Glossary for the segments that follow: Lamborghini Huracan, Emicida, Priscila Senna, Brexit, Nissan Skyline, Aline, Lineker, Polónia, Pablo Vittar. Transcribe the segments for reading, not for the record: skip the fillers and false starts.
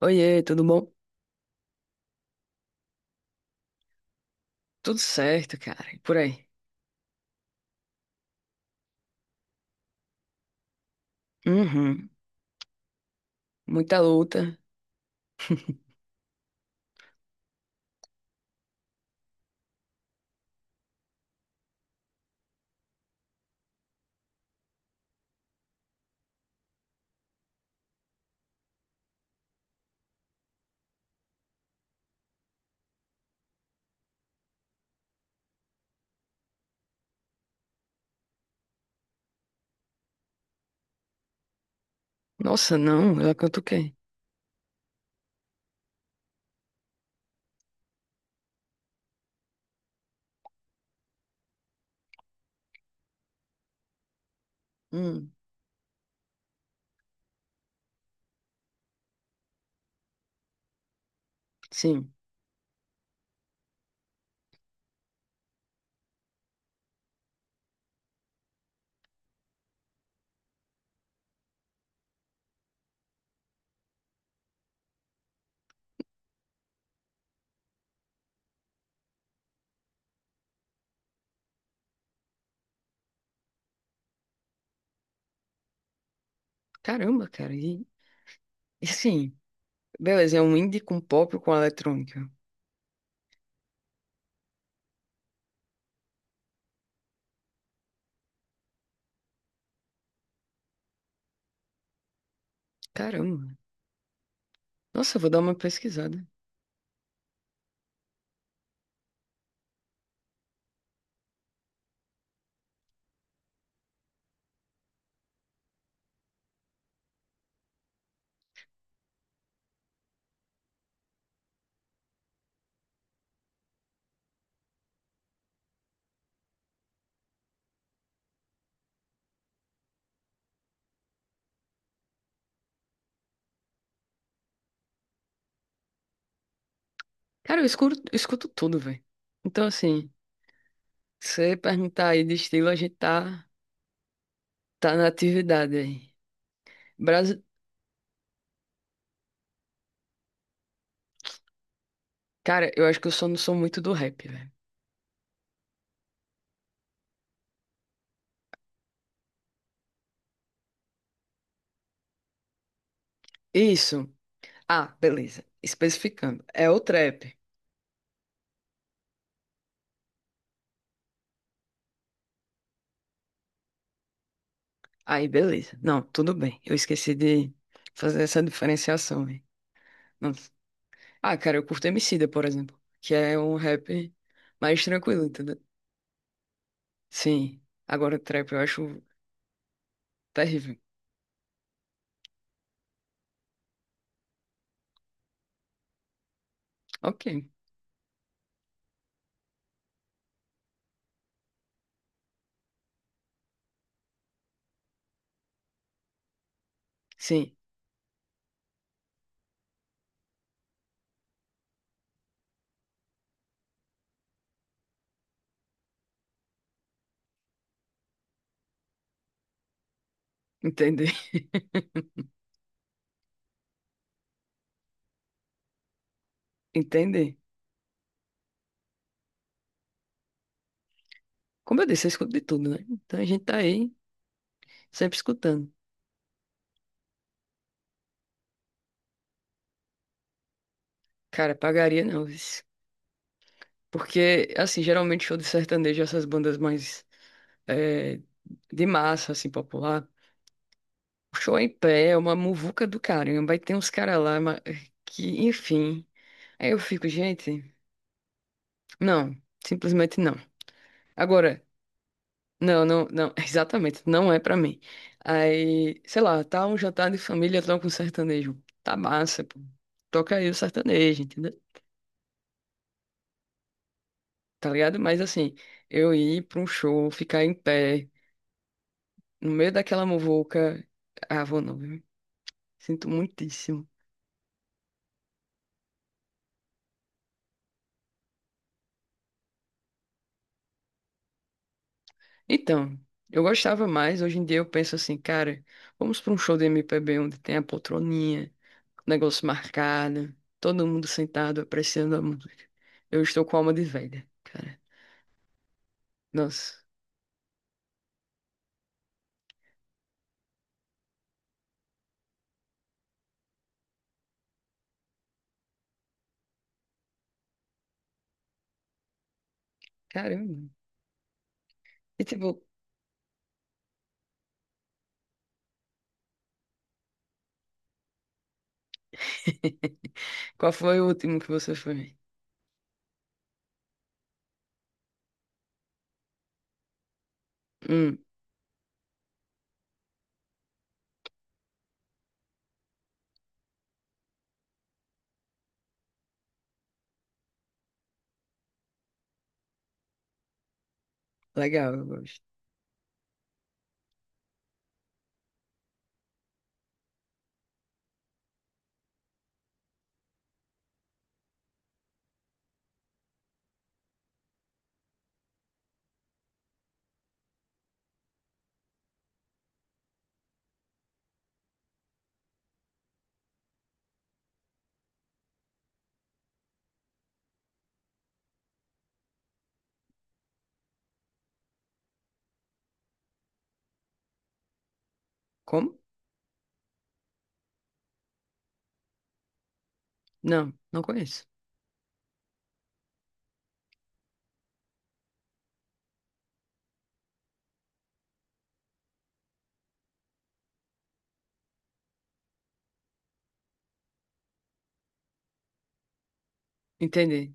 Oiê, tudo bom? Tudo certo, cara. E por aí? Uhum. Muita luta. Nossa, não, ela canta o quê? Hum, sim. Caramba, cara. E assim, beleza, é um indie com pop com eletrônica. Caramba. Nossa, eu vou dar uma pesquisada. Cara, eu escuto tudo, velho. Então, assim, se você perguntar aí de estilo, tá na atividade aí. Brasi... Cara, eu acho que eu só não sou muito do rap, velho. Isso. Ah, beleza. Especificando. É o trap. Aí, beleza. Não, tudo bem. Eu esqueci de fazer essa diferenciação, hein? Não. Ah, cara, eu curto Emicida, por exemplo, que é um rap mais tranquilo, entendeu? Sim. Agora, trap eu acho terrível. Ok. Sim. Entender. Entender. Como eu disse, eu escuto de tudo, né? Então a gente tá aí sempre escutando. Cara, pagaria não, vixe. Porque, assim, geralmente show de sertanejo, essas bandas mais eh, de massa, assim, popular. Show em pé, é uma muvuca do caramba. Aí tem uns caras lá ma- que, enfim. Aí eu fico, gente, não, simplesmente não. Agora, não, não, não, exatamente, não é pra mim. Aí, sei lá, tá um jantar de família, toca um sertanejo. Tá massa, pô. Toca aí o sertanejo, entendeu? Tá ligado? Mas assim, eu ir pra um show, ficar em pé, no meio daquela muvuca. Ah, vou não, viu? Sinto muitíssimo. Então, eu gostava mais. Hoje em dia eu penso assim, cara, vamos pra um show de MPB onde tem a poltroninha, o negócio marcado, todo mundo sentado apreciando a música. Eu estou com alma de velha, cara. Nossa, caramba. E tipo, qual foi o último que você foi? Hum, legal, eu gosto. Como? Não, não conheço. Entendi.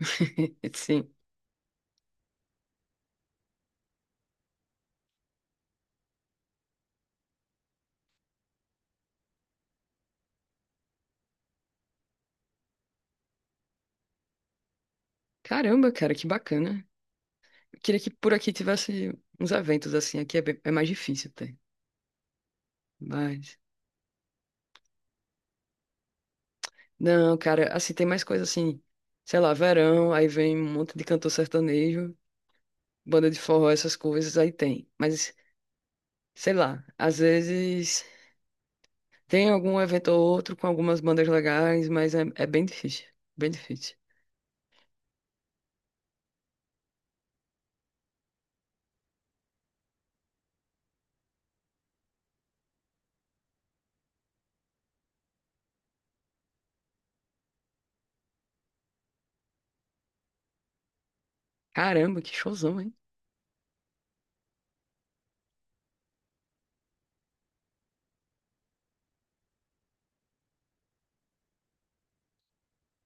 Sim. Caramba, cara, que bacana. Queria que por aqui tivesse uns eventos assim. Aqui é, bem- é mais difícil ter. Mas. Não, cara, assim, tem mais coisa assim, sei lá, verão, aí vem um monte de cantor sertanejo, banda de forró, essas coisas, aí tem. Mas, sei lá, às vezes tem algum evento ou outro com algumas bandas legais, mas é bem difícil, bem difícil. Caramba, que showzão, hein?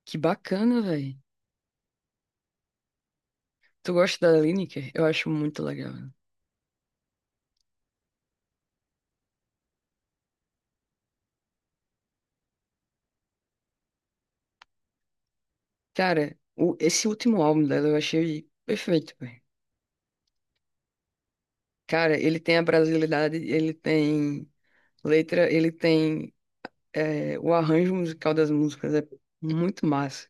Que bacana, velho. Tu gosta da Lineker? Eu acho muito legal. Né? Cara, o- esse último álbum dela eu achei perfeito, velho. Cara, ele tem a brasilidade, ele tem letra, ele tem É, o arranjo musical das músicas é muito massa.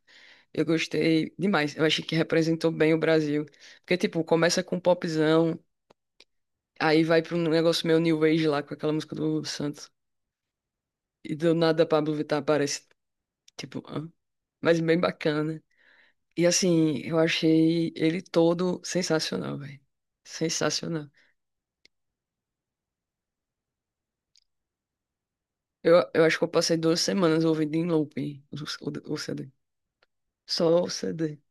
Eu gostei demais. Eu achei que representou bem o Brasil. Porque, tipo, começa com um popzão, aí vai pra um negócio meio New Age lá, com aquela música do Santos. E do nada Pablo Vittar aparece. Tipo, hã? Mas bem bacana. E assim, eu achei ele todo sensacional, velho. Sensacional. Eu acho que eu passei 2 semanas ouvindo em looping o CD. Só o CD.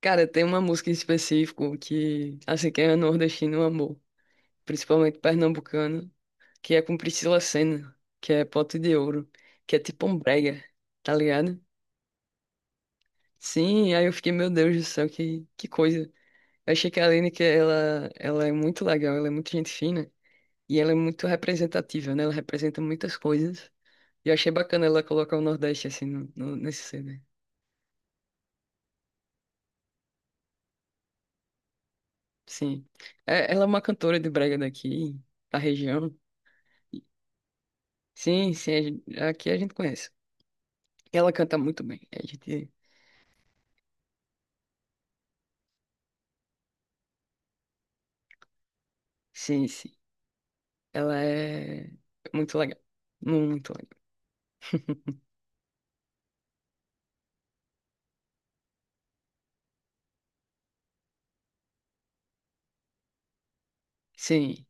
Cara, tem uma música em específico que, assim, quem é nordestino amor, principalmente pernambucano, que é com Priscila Senna, que é Pote de Ouro, que é tipo um brega, tá ligado? Sim, aí eu fiquei, meu Deus do céu, que coisa. Eu achei que a Aline, que ela é muito legal, ela é muito gente fina, e ela é muito representativa, né? Ela representa muitas coisas. E eu achei bacana ela colocar o Nordeste, assim, no, no- nesse CD. Sim. É- ela é uma cantora de brega daqui, da região. Sim, sim, a gen- aqui a gente conhece. Ela canta muito bem. A gente, sim, sim. Ela é muito legal. Muito legal. Sim,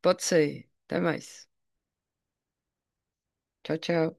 pode ser. Até mais. Tchau, tchau.